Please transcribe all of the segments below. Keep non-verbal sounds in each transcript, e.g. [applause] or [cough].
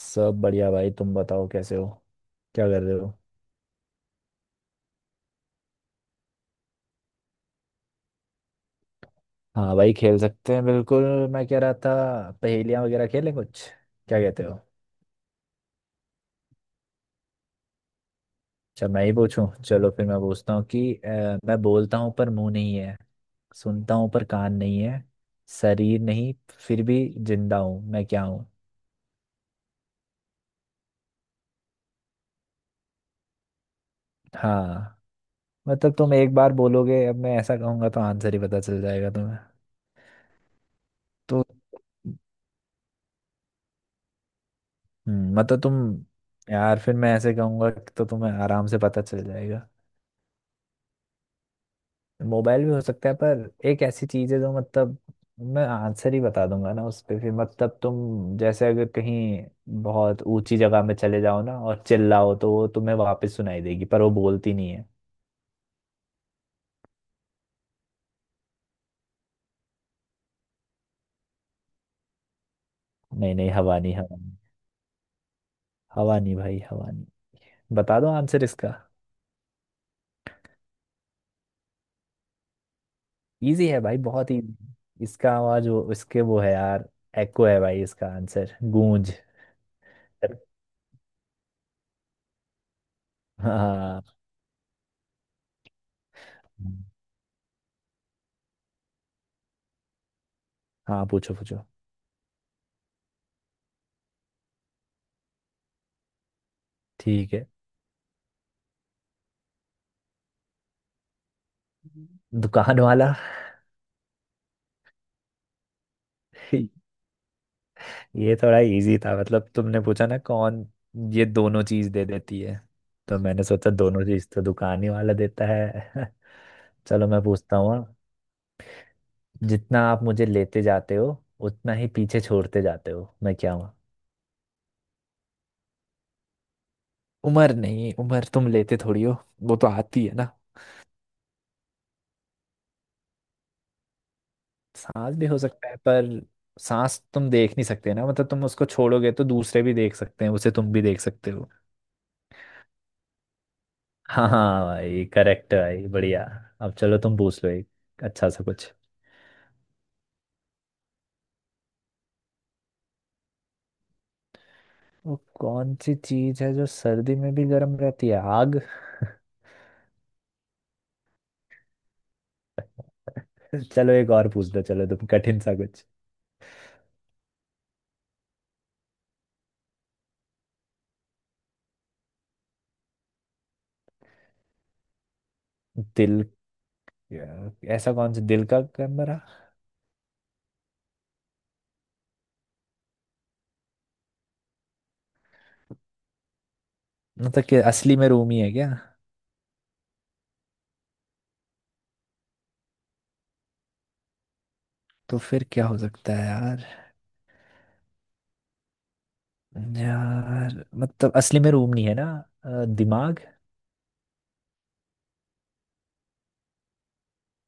सब बढ़िया भाई। तुम बताओ कैसे हो? क्या कर रहे हो? हाँ भाई, खेल सकते हैं बिल्कुल। मैं कह रहा था पहेलियाँ वगैरह खेलें कुछ, क्या कहते हो? अच्छा, मैं ही पूछूं, चलो फिर मैं पूछता हूँ कि मैं बोलता हूँ पर मुंह नहीं है, सुनता हूँ पर कान नहीं है, शरीर नहीं, फिर भी जिंदा हूँ। मैं क्या हूँ? हाँ, मतलब तुम एक बार बोलोगे, अब मैं ऐसा कहूंगा तो आंसर ही पता चल जाएगा तुम्हें। तो मतलब तुम, यार फिर मैं ऐसे कहूंगा तो तुम्हें आराम से पता चल जाएगा। मोबाइल भी हो सकता है, पर एक ऐसी चीज है जो मतलब मैं आंसर ही बता दूंगा ना उस पे, फिर मतलब तुम जैसे अगर कहीं बहुत ऊंची जगह में चले जाओ ना और चिल्लाओ तो वो तुम्हें वापस सुनाई देगी, पर वो बोलती नहीं है। नहीं नहीं, हवा नहीं, हवा नहीं, हवा नहीं भाई, हवा नहीं। बता दो आंसर इसका। इजी है भाई, बहुत इजी, इसका आवाज वो इसके वो है यार। एको है भाई, इसका आंसर गूंज। हाँ हाँ, पूछो पूछो। ठीक है। दुकान वाला। [laughs] ये थोड़ा इजी था, मतलब तुमने पूछा ना कौन ये दोनों चीज दे देती है, तो मैंने सोचा दोनों चीज तो दुकान ही वाला देता है। [laughs] चलो मैं पूछता हूँ अब। जितना आप मुझे लेते जाते हो उतना ही पीछे छोड़ते जाते हो, मैं क्या हूँ? उम्र नहीं, उम्र तुम लेते थोड़ी हो, वो तो आती है ना। सांस भी हो सकता है, पर सांस तुम देख नहीं सकते ना, मतलब तुम उसको छोड़ोगे तो दूसरे भी देख सकते हैं उसे, तुम भी देख सकते हो। हाँ हाँ भाई, करेक्ट भाई, बढ़िया। अब चलो तुम पूछ लो एक, अच्छा सा कुछ। वो कौन सी चीज है जो सर्दी में भी गर्म रहती है? आग। [laughs] चलो एक और पूछ दो, चलो तुम कठिन सा कुछ। दिल। ऐसा कौन सा दिल का कमरा? मतलब कि असली में रूम ही है क्या? तो फिर क्या हो सकता है यार? यार मतलब असली में रूम नहीं है ना। दिमाग।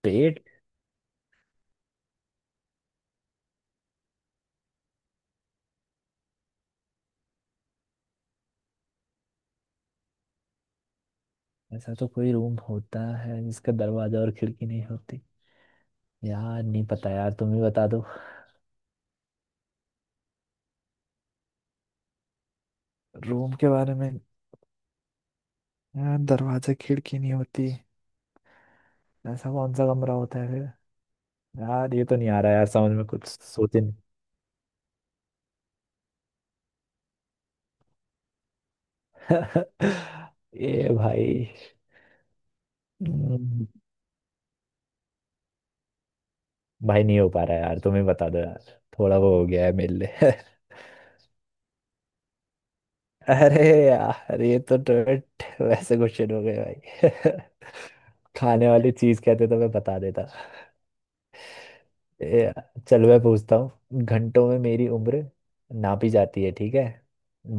पेट। ऐसा तो कोई रूम होता है जिसका दरवाजा और खिड़की नहीं होती? यार नहीं पता, यार तुम ही बता दो। रूम के बारे में, यार दरवाजा खिड़की नहीं होती, ऐसा कौन सा कमरा होता है फिर? यार ये तो नहीं आ रहा यार, समझ में कुछ सोचे नहीं। [laughs] ये भाई। हम्म, भाई नहीं हो पा रहा यार, तुम ही बता दो यार, थोड़ा वो हो गया है मेरे लिए। [laughs] अरे यार, ये तो टोट वैसे क्वेश्चन हो गए भाई। [laughs] खाने वाली चीज कहते तो मैं बता देता। ए यार, चल मैं पूछता हूँ। घंटों में मेरी उम्र नापी जाती है, ठीक है।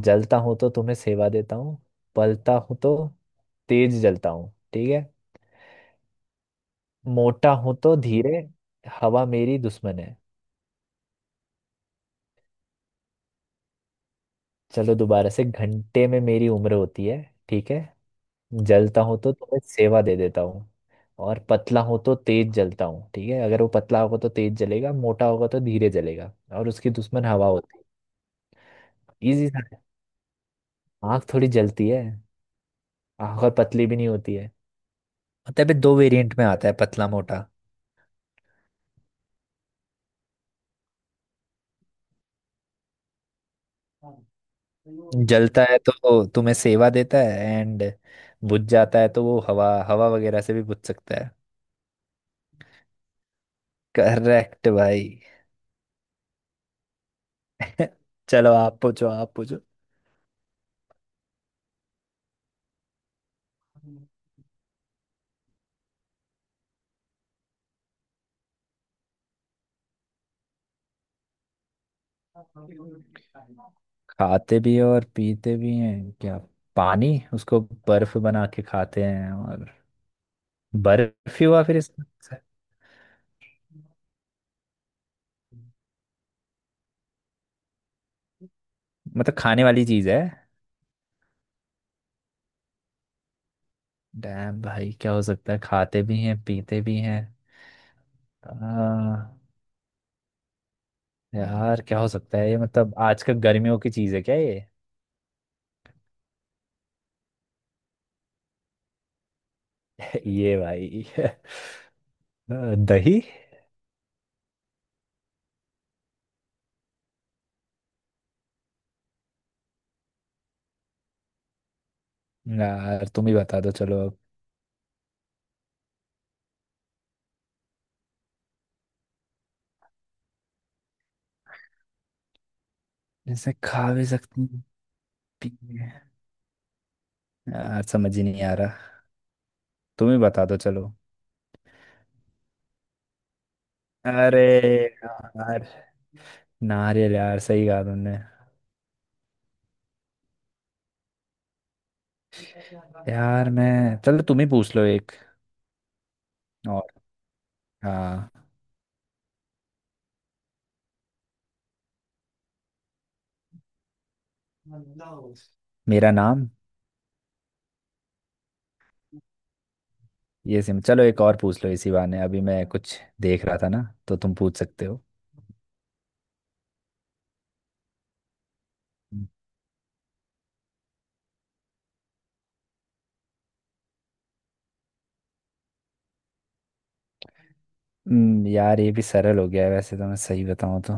जलता हूँ तो तुम्हें सेवा देता हूँ, पलता हूँ तो तेज जलता हूँ, ठीक है। मोटा हूं तो धीरे, हवा मेरी दुश्मन है। चलो दोबारा से, घंटे में मेरी उम्र होती है, ठीक है। जलता हूं तो तुम्हें सेवा दे देता हूँ, और पतला हूं तो तेज जलता हूँ, ठीक है, अगर वो पतला होगा तो तेज जलेगा, मोटा होगा तो धीरे जलेगा, और उसकी दुश्मन हवा होती है। इजी था। आँख थोड़ी जलती है, आँख और पतली भी नहीं होती है। मतलब ये दो वेरिएंट में आता है, पतला मोटा। जलता है तो तुम्हें सेवा देता है एंड बुझ जाता है, तो वो हवा हवा वगैरह से भी बुझ सकता है। करेक्ट भाई। [laughs] चलो आप पूछो, आप पूछो। खाते भी हैं और पीते भी हैं क्या? पानी, उसको बर्फ बना के खाते हैं और, बर्फ ही हुआ फिर इसका। मतलब खाने वाली चीज है। डैम भाई, क्या हो सकता है खाते भी हैं पीते भी हैं? आ, यार क्या हो सकता है ये, मतलब आजकल गर्मियों की चीज है क्या ये? [laughs] ये भाई। [laughs] दही। यार तुम ही बता दो चलो। जैसे खा भी सकती हैं, पी भी हैं। यार समझ ही नहीं आ रहा, तुम ही बता दो चलो। अरे यार, नारियल यार, सही कहा तुमने। यार मैं, चलो तुम ही पूछ लो एक और। हाँ। मेरा नाम। ये सिम, चलो एक और पूछ लो इसी बहाने, अभी मैं कुछ देख रहा था ना तो तुम पूछ सकते हो। यार ये भी सरल हो गया है वैसे तो, मैं सही बताऊं तो।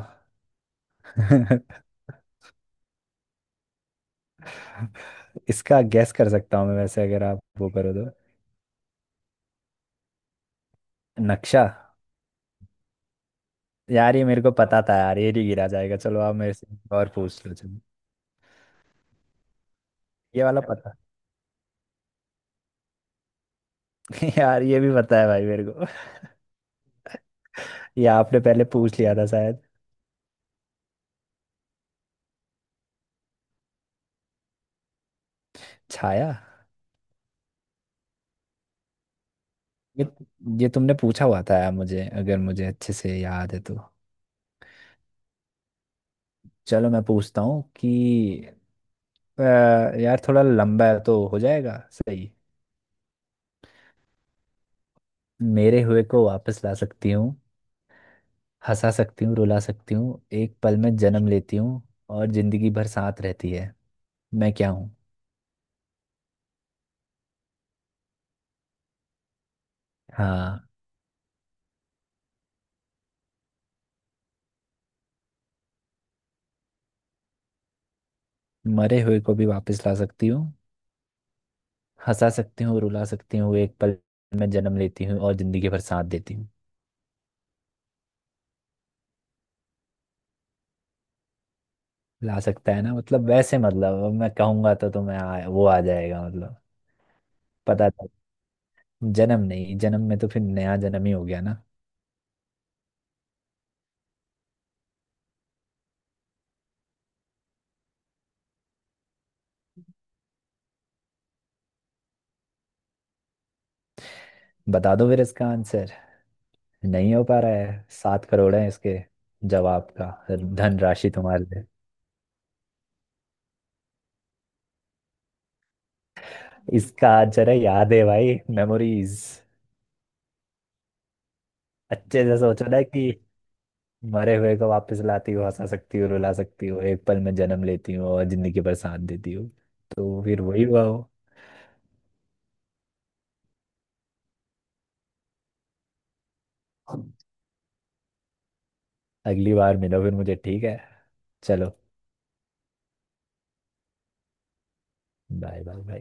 [laughs] इसका गैस कर सकता हूँ मैं, वैसे अगर आप वो करो तो। नक्शा। यार ये मेरे को पता था यार, ये नहीं गिरा जाएगा, चलो आप मेरे से और पूछ लो चलो। ये वाला पता। [laughs] यार ये भी पता है भाई मेरे को, ये आपने पहले पूछ लिया था शायद। छाया। ये ये तुमने पूछा हुआ था यार मुझे, अगर मुझे अच्छे से याद है तो। चलो मैं पूछता हूँ कि अ, यार थोड़ा लंबा है तो हो जाएगा सही। मेरे हुए को वापस ला सकती हूँ, हंसा सकती हूँ, रुला सकती हूँ, एक पल में जन्म लेती हूँ, और जिंदगी भर साथ रहती है, मैं क्या हूँ? हाँ, मरे हुए को भी वापस ला सकती हूँ, हंसा सकती हूँ, रुला सकती हूँ, एक पल में जन्म लेती हूँ और जिंदगी भर साथ देती हूँ। ला सकता है ना, मतलब वैसे मतलब अब मैं कहूंगा तो तुम्हें वो आ जाएगा मतलब, पता था। जन्म नहीं, जन्म में तो फिर नया जन्म ही हो गया ना। बता दो फिर इसका आंसर, नहीं हो पा रहा है, 7 करोड़ है इसके जवाब का धन राशि तुम्हारे लिए। इसका आज जरा याद है भाई, मेमोरीज। अच्छे से सोचो ना कि मरे हुए को वापस लाती हो, हंसा सकती हो, रुला सकती हो, एक पल में जन्म लेती हो और जिंदगी भर साथ देती हो, तो फिर वही हुआ हो। अगली बार मिलो फिर मुझे, ठीक है। चलो, बाय बाय बाय।